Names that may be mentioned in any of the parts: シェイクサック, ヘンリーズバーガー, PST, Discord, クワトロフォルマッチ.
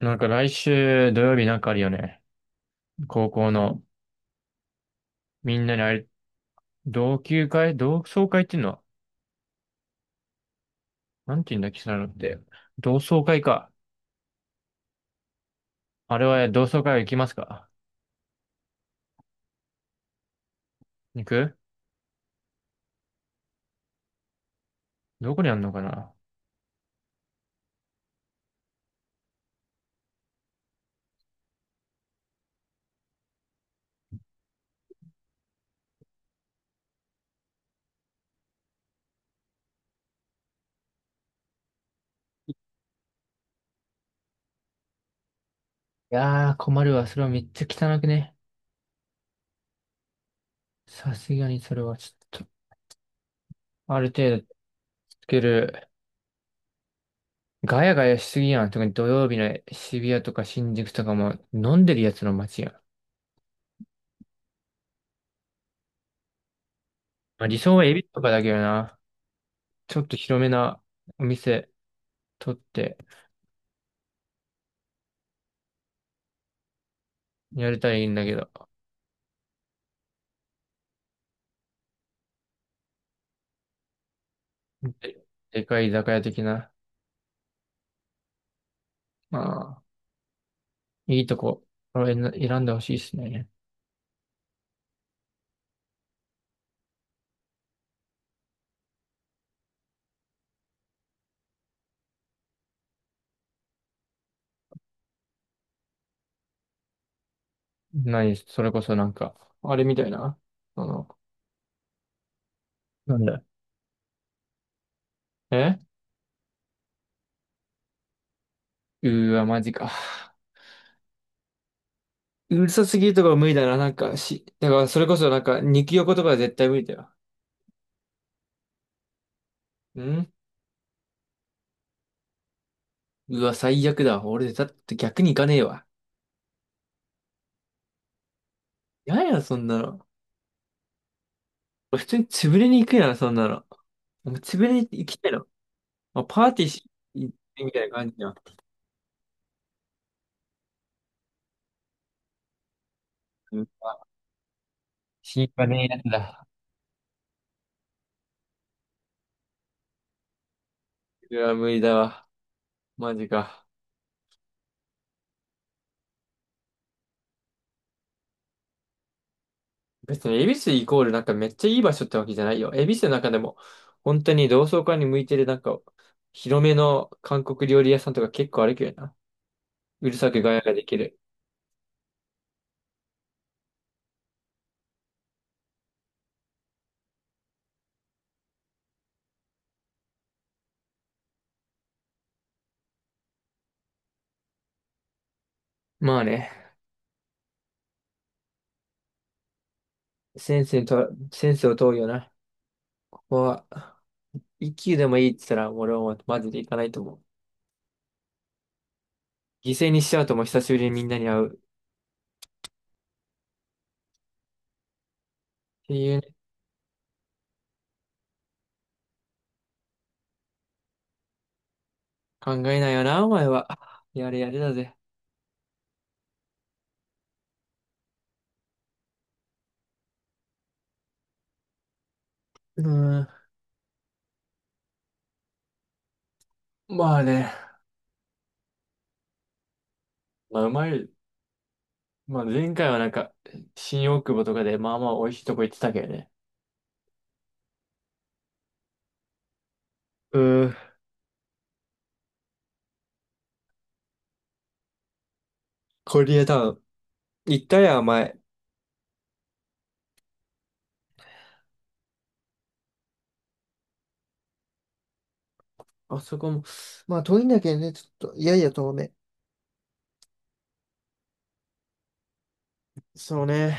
なんか来週土曜日なんかあるよね。高校の、みんなにあれ、同窓会っていうのは、なんて言うんだっけ、そういうのって。同窓会か。あれは同窓会行きますか？行く。どこにあんのかな。いやー、困るわ。それはめっちゃ汚くね。さすがにそれはちょっと、ある程度つける。ガヤガヤしすぎやん。特に土曜日の渋谷とか新宿とかも飲んでるやつの街やん。まあ、理想はエビとかだけどな。ちょっと広めなお店取って、やりたいんだけど、で、でかい居酒屋的な、まあ、いいとこ、これ選んでほしいですね。何、それこそなんか、あれみたいな、その、なんだ、え、うーわ、マジか。うるさすぎるとかは無理だな、なんか、し、だからそれこそなんか、肉横とかは絶対無理だよ。ん、うわ、最悪だ。俺、だって逆に行かねえわ。やや、そんなの。俺普通に潰れに行くやん、そんなの。なんか潰れに行きたいの。まあ、パーティーし、行ってみたいな感じじゃん。心配ねえやつだ。いや、無理だわ。マジか。別に、恵比寿イコールなんかめっちゃいい場所ってわけじゃないよ。恵比寿の中でも、本当に同窓会に向いてるなんか、広めの韓国料理屋さんとか結構あるけどな。うるさくガヤができる。まあね、センスにと、センスを問うよな。ここは、一級でもいいって言ったら、俺はもうマジで行かないと思う。犠牲にしちゃうともう久しぶりにみんなに会う、っていうね。考えないよな、お前は。やれやれだぜ。うーん。まあね。まあ、うまい。まあ前回はなんか、新大久保とかでまあまあ美味しいとこ行ってたけどね。うん、コリアタウン。行ったやん、前。あそこも、まあ遠いんだけどね、ちょっと、いやいや遠め。そうね。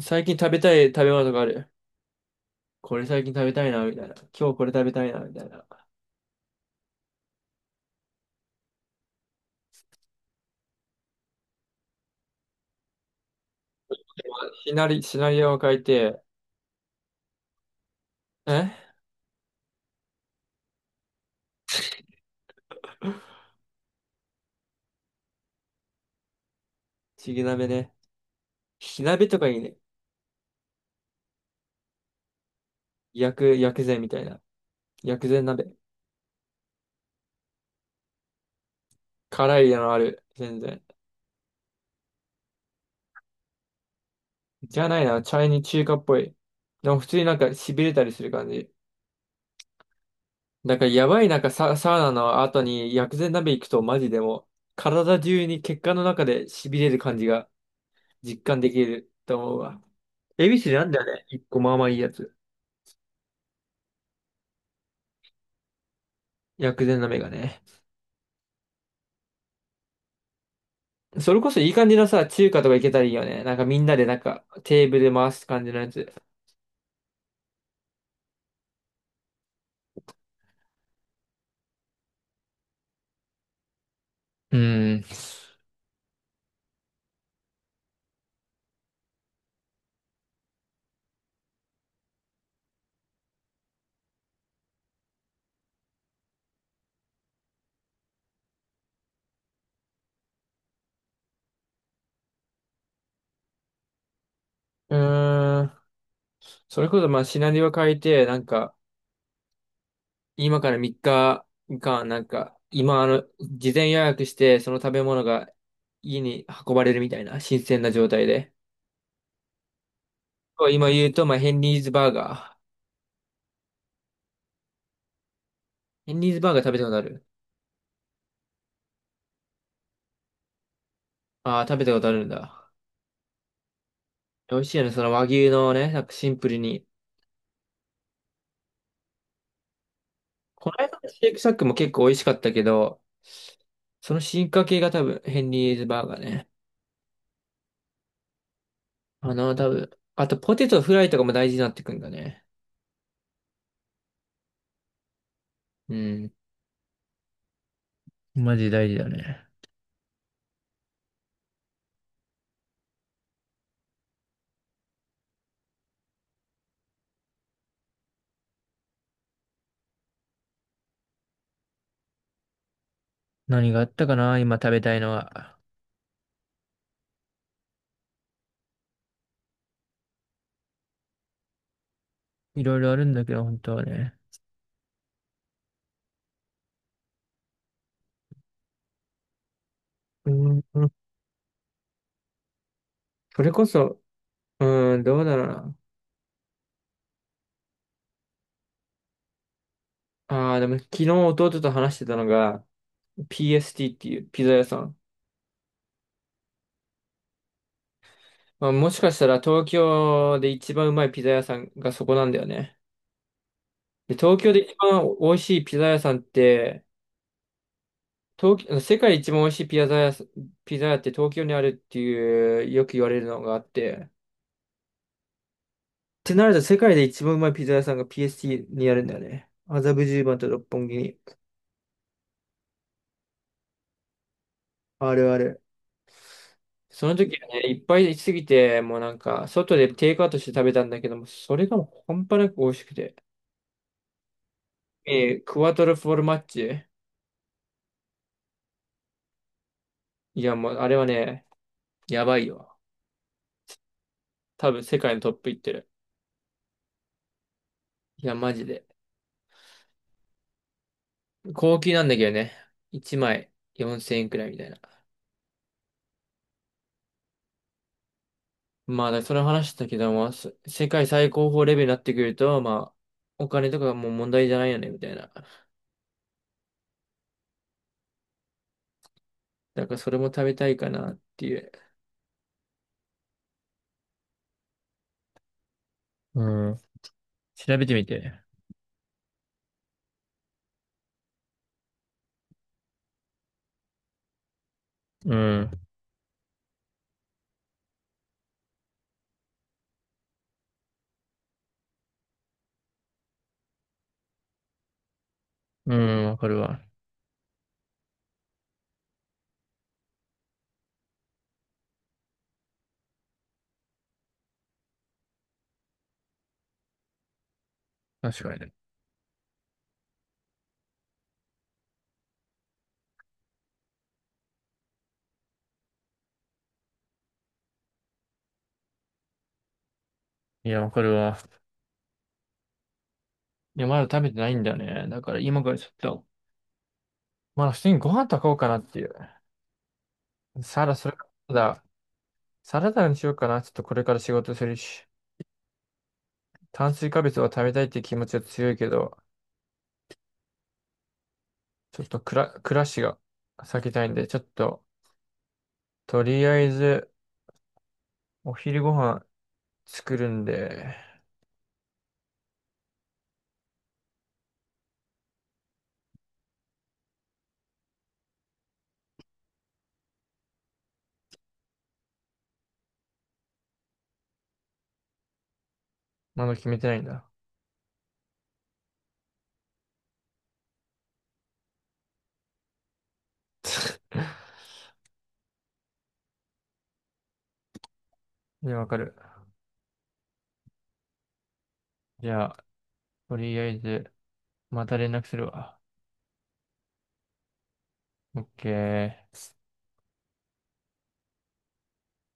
最近食べたい食べ物とかある？これ最近食べたいな、みたいな。今日これ食べたいな、みたいな。シナリオを書いて、え、ちぎ鍋ね。火鍋とかいいね。薬膳みたいな。薬膳鍋。辛いのある。全然。じゃないな。チャイニー中華っぽい。でも普通になんか痺れたりする感じ。なんからやばいなんかサウナの後に薬膳鍋行くとマジでもう体中に血管の中で痺れる感じが実感できると思うわ。恵比寿なんだよね、一個まあまあいいやつ。薬膳鍋がね。それこそいい感じのさ、中華とか行けたらいいよね。なんかみんなでなんかテーブル回す感じのやつ。うん。うーん。それこそまあシナリオ変えて、なんか今から3日間、なんか、今、あの、事前予約して、その食べ物が家に運ばれるみたいな、新鮮な状態で。こう今言うと、まあ、ヘンリーズバーガー。ヘンリーズバーガー食べたことある？ああー、食べたことあるんだ。美味しいよね、その和牛のね、なんかシンプルに。この間のシェイクサックも結構美味しかったけど、その進化系が多分、ヘンリーズバーガーね。あの、多分、あとポテトフライとかも大事になってくんだね。うん。マジ大事だね。何があったかな、今食べたいのは。いろいろあるんだけど、本当はね。うーん、それこそ、うーん、どうだろうな。ああ、でも昨日弟と話してたのが、PST っていうピザ屋さん。まあ、もしかしたら東京で一番うまいピザ屋さんがそこなんだよね。で、東京で一番美味しいピザ屋さんって、東京、世界で一番美味しいピザ屋って東京にあるっていう、よく言われるのがあって。ってなると世界で一番うまいピザ屋さんが PST にあるんだよね。麻布十番と六本木に。あるある。その時はね、いっぱいすぎて、もうなんか、外でテイクアウトして食べたんだけども、それがもう半端なく美味しくて。えークワトロフォルマッチ。いや、もうあれはね、やばいよ。多分世界のトップいってる。いや、マジで。高級なんだけどね。1枚4000円くらいみたいな。まあ、だからその話したけども、世界最高峰レベルになってくると、まあ、お金とかがもう問題じゃないよね、みたいな。だからそれも食べたいかなっていう。うん。調べてみて。うん。うん、わかるわ。確かにね。いや、わかるわ。いや、まだ食べてないんだよね。だから今からちょっと、まだ普通にご飯炊こうかなっていう。サラ、それからだ、サラダにしようかな。ちょっとこれから仕事するし、炭水化物を食べたいって気持ちは強いけど、ちょっと暮らしが避けたいんで、ちょっと、とりあえず、お昼ご飯作るんで、まだ決めてないんだ。いや、わかる。じゃあ、とりあえず、また連絡するわ。オッケー。